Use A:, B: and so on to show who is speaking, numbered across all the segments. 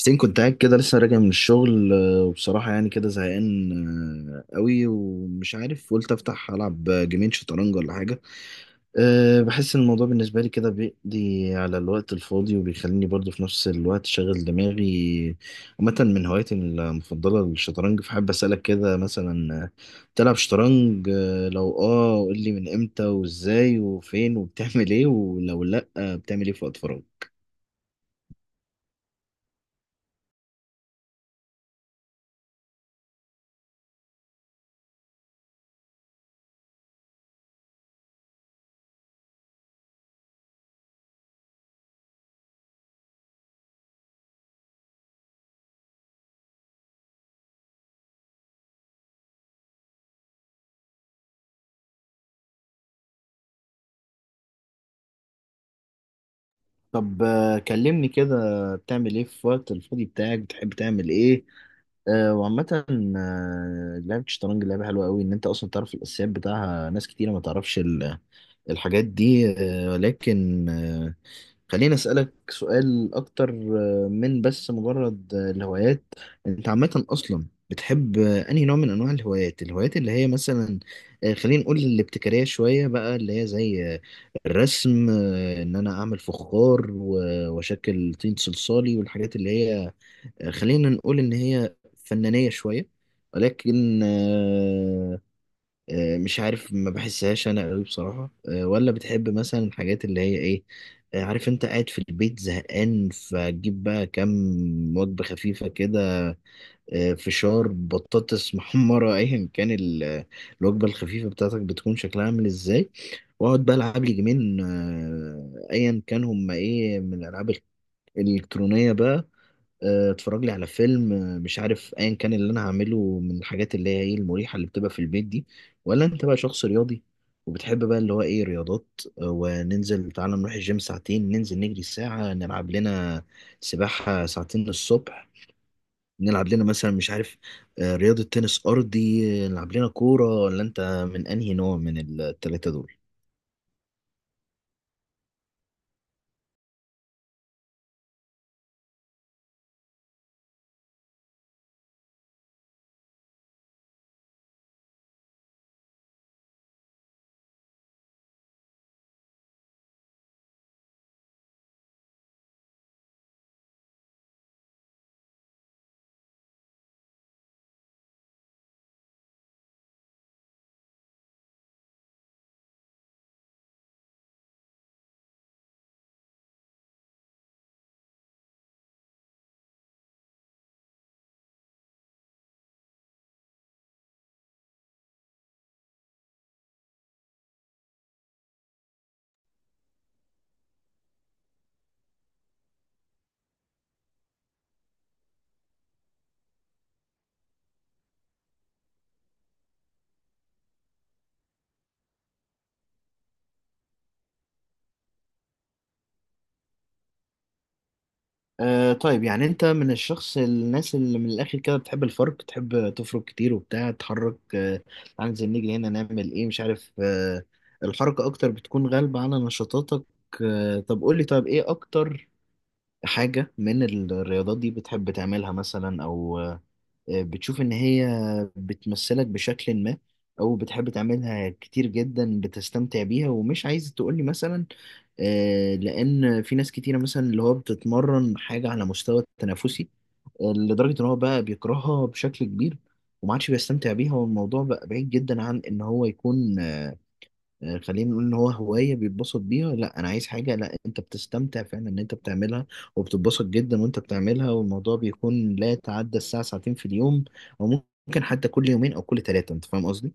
A: حسين كنت قاعد كده لسه راجع من الشغل، وبصراحة يعني كده زهقان قوي. ومش عارف قلت أفتح ألعب جيمين شطرنج ولا حاجة. بحس إن الموضوع بالنسبة لي كده بيقضي على الوقت الفاضي وبيخليني برضه في نفس الوقت شغل دماغي. عامة من هواياتي المفضلة الشطرنج، فحب أسألك كده مثلا، تلعب شطرنج؟ لو قول لي من إمتى وإزاي وفين وبتعمل إيه، ولو لأ بتعمل إيه في وقت فراغ؟ طب، كلمني كده، بتعمل ايه في وقت الفاضي بتاعك؟ بتحب تعمل ايه؟ وعامة، لعبة الشطرنج لعبة حلوة قوي، ان انت اصلا تعرف الاساسيات بتاعها. ناس كتيرة ما تعرفش الحاجات دي. لكن خليني أسألك سؤال أكتر من بس مجرد الهوايات. أنت عامة أصلا بتحب أنهي نوع من أنواع الهوايات؟ اللي هي مثلا خلينا نقول الابتكارية شوية بقى، اللي هي زي الرسم، إن أنا أعمل فخار و- وأشكل طين صلصالي، والحاجات اللي هي خلينا نقول إن هي فنانية شوية. ولكن مش عارف، ما بحسهاش انا قوي بصراحه. ولا بتحب مثلا الحاجات اللي هي ايه؟ عارف انت قاعد في البيت زهقان فتجيب بقى كام وجبه خفيفه كده، فشار، بطاطس محمره، ايا كان الوجبه الخفيفه بتاعتك بتكون شكلها عامل ازاي. واقعد بقى العب لي جيمين، ايا كان هما ايه من الالعاب الالكترونيه بقى. اتفرج لي على فيلم، مش عارف ايا كان اللي انا هعمله من الحاجات اللي هي ايه المريحه اللي بتبقى في البيت دي. ولا انت بقى شخص رياضي وبتحب بقى اللي هو ايه رياضات، وننزل تعالى نروح الجيم ساعتين، ننزل نجري ساعه، نلعب لنا سباحه ساعتين الصبح، نلعب لنا مثلا مش عارف رياضه تنس ارضي، نلعب لنا كوره. ولا انت من انهي نوع من الثلاثه دول؟ طيب، يعني انت من الناس اللي من الاخر كده بتحب الفرق، تحب تفرق كتير وبتاع، تحرك تعال ننزل نيجي هنا نعمل ايه مش عارف، الحركة اكتر بتكون غالبة على نشاطاتك. طب قول لي طيب، ايه اكتر حاجة من الرياضات دي بتحب تعملها مثلا، او بتشوف ان هي بتمثلك بشكل ما، او بتحب تعملها كتير جدا بتستمتع بيها ومش عايز تقول لي مثلا. لان في ناس كتيره مثلا اللي هو بتتمرن حاجه على مستوى التنافسي لدرجه ان هو بقى بيكرهها بشكل كبير وما عادش بيستمتع بيها، والموضوع بقى بعيد جدا عن ان هو يكون خلينا نقول ان هو هوايه بيتبسط بيها. لا انا عايز حاجه، لا انت بتستمتع فعلا ان انت بتعملها وبتتبسط جدا وانت بتعملها، والموضوع بيكون لا يتعدى الساعه ساعتين في اليوم، او ممكن حتى كل يومين او كل ثلاثه، انت فاهم قصدي؟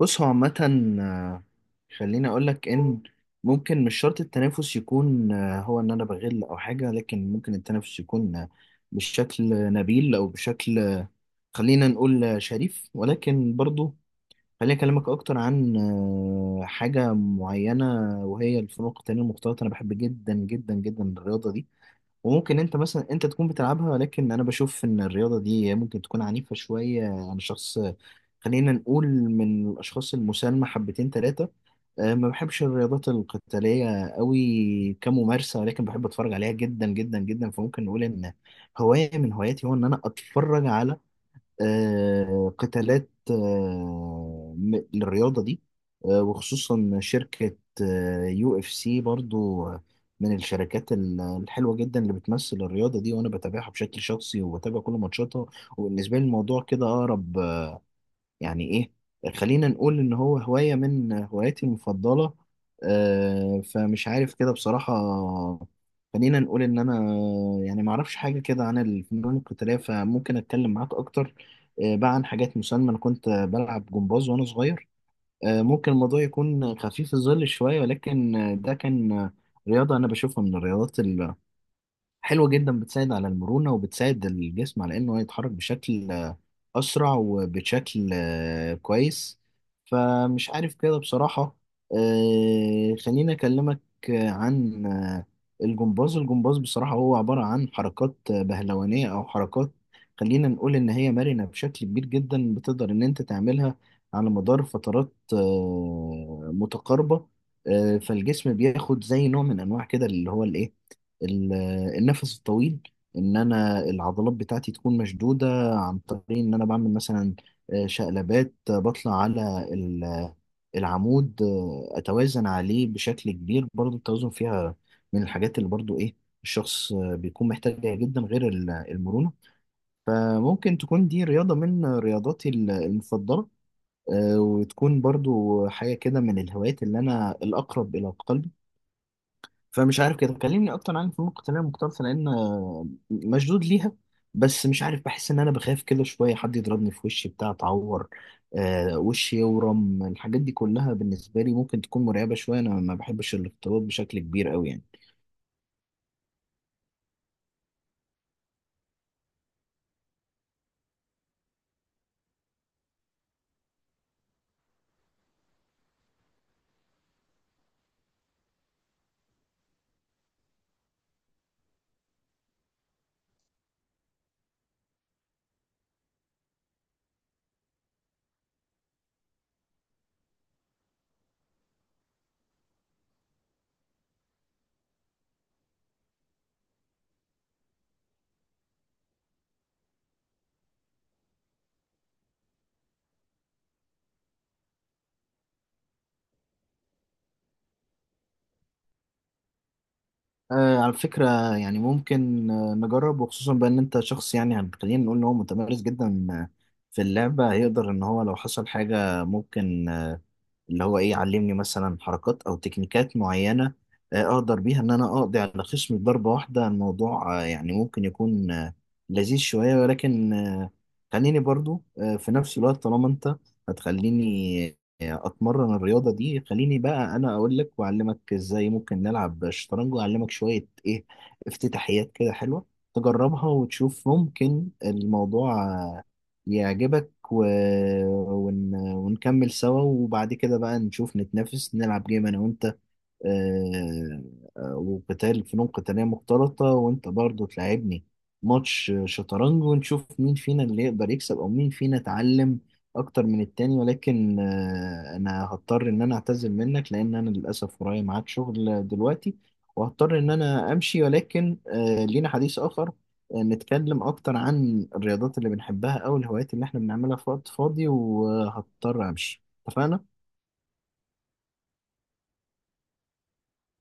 A: بص، هو عامة آه، خليني أقول لك إن ممكن مش شرط التنافس يكون هو إن أنا بغل أو حاجة، لكن ممكن التنافس يكون بشكل نبيل أو بشكل خلينا نقول شريف. ولكن برضو خليني أكلمك أكتر عن حاجة معينة، وهي الفنون القتالية المختلطة. أنا بحب جدا جدا جدا الرياضة دي، وممكن أنت مثلا أنت تكون بتلعبها، ولكن أنا بشوف إن الرياضة دي ممكن تكون عنيفة شوية عن شخص، خلينا نقول من الأشخاص المسالمة حبتين تلاتة. ما بحبش الرياضات القتالية قوي كممارسة، ولكن بحب أتفرج عليها جدا جدا جدا. فممكن نقول إن هواية من هواياتي هو إن أنا أتفرج على قتالات للرياضة دي، وخصوصا شركة يو اف سي. برضو من الشركات الحلوة جدا اللي بتمثل الرياضة دي، وأنا بتابعها بشكل شخصي وبتابع كل ماتشاتها. وبالنسبة لي الموضوع كده أقرب، يعني ايه، خلينا نقول ان هو هواية من هواياتي المفضلة. فمش عارف كده بصراحة، خلينا نقول ان انا يعني ما اعرفش حاجة كده عن الفنون القتالية، فممكن اتكلم معاك اكتر بقى عن حاجات مسلمة. انا كنت بلعب جمباز وانا صغير. ممكن الموضوع يكون خفيف الظل شوية، ولكن ده كان رياضة انا بشوفها من الرياضات حلوة جدا، بتساعد على المرونة وبتساعد الجسم على إنه يتحرك بشكل أسرع وبشكل كويس. فمش عارف كده بصراحة، خليني أكلمك عن الجمباز. الجمباز بصراحة هو عبارة عن حركات بهلوانية، أو حركات خلينا نقول إن هي مرنة بشكل كبير جدا، بتقدر إن أنت تعملها على مدار فترات متقاربة. فالجسم بياخد زي نوع من أنواع كده اللي هو الإيه، ال- النفس الطويل، ان انا العضلات بتاعتي تكون مشدودة عن طريق ان انا بعمل مثلا شقلبات، بطلع على العمود، اتوازن عليه بشكل كبير. برضو التوازن فيها من الحاجات اللي برضو ايه الشخص بيكون محتاجها جدا غير المرونة. فممكن تكون دي رياضة من رياضاتي المفضلة، وتكون برضو حاجة كده من الهوايات اللي أنا الأقرب إلى قلبي. فمش عارف كده، كلمني اكتر عن الفنون القتاليه المختلطه لان مشدود ليها. بس مش عارف، بحس ان انا بخاف كده شويه حد يضربني في وشي بتاع اتعور، وشي يورم، الحاجات دي كلها بالنسبه لي ممكن تكون مرعبه شويه. انا ما بحبش الاختلاط بشكل كبير قوي يعني. على فكره، يعني ممكن نجرب، وخصوصا بان انت شخص يعني خلينا نقول ان هو متمرس جدا في اللعبه، هيقدر ان هو لو حصل حاجه ممكن اللي هو ايه علمني مثلا حركات او تكنيكات معينه اقدر بيها ان انا اقضي على خصمي بضربه واحده. الموضوع يعني ممكن يكون لذيذ شويه، ولكن خليني برضو في نفس الوقت طالما انت هتخليني اتمرن الرياضه دي، خليني بقى انا اقول لك واعلمك ازاي ممكن نلعب شطرنج، واعلمك شويه ايه افتتاحيات كده حلوه تجربها وتشوف ممكن الموضوع يعجبك و... ون... ونكمل سوا. وبعد كده بقى نشوف، نتنافس نلعب جيم انا وانت آه، وقتال فنون قتالية مختلطة، وانت برضو تلعبني ماتش شطرنج، ونشوف مين فينا اللي يقدر يكسب او مين فينا اتعلم اكتر من التاني. ولكن انا هضطر ان انا اعتذر منك لان انا للاسف ورايا ميعاد شغل دلوقتي، وهضطر ان انا امشي. ولكن لينا حديث اخر نتكلم اكتر عن الرياضات اللي بنحبها او الهوايات اللي احنا بنعملها في وقت فاضي. وهضطر امشي، اتفقنا؟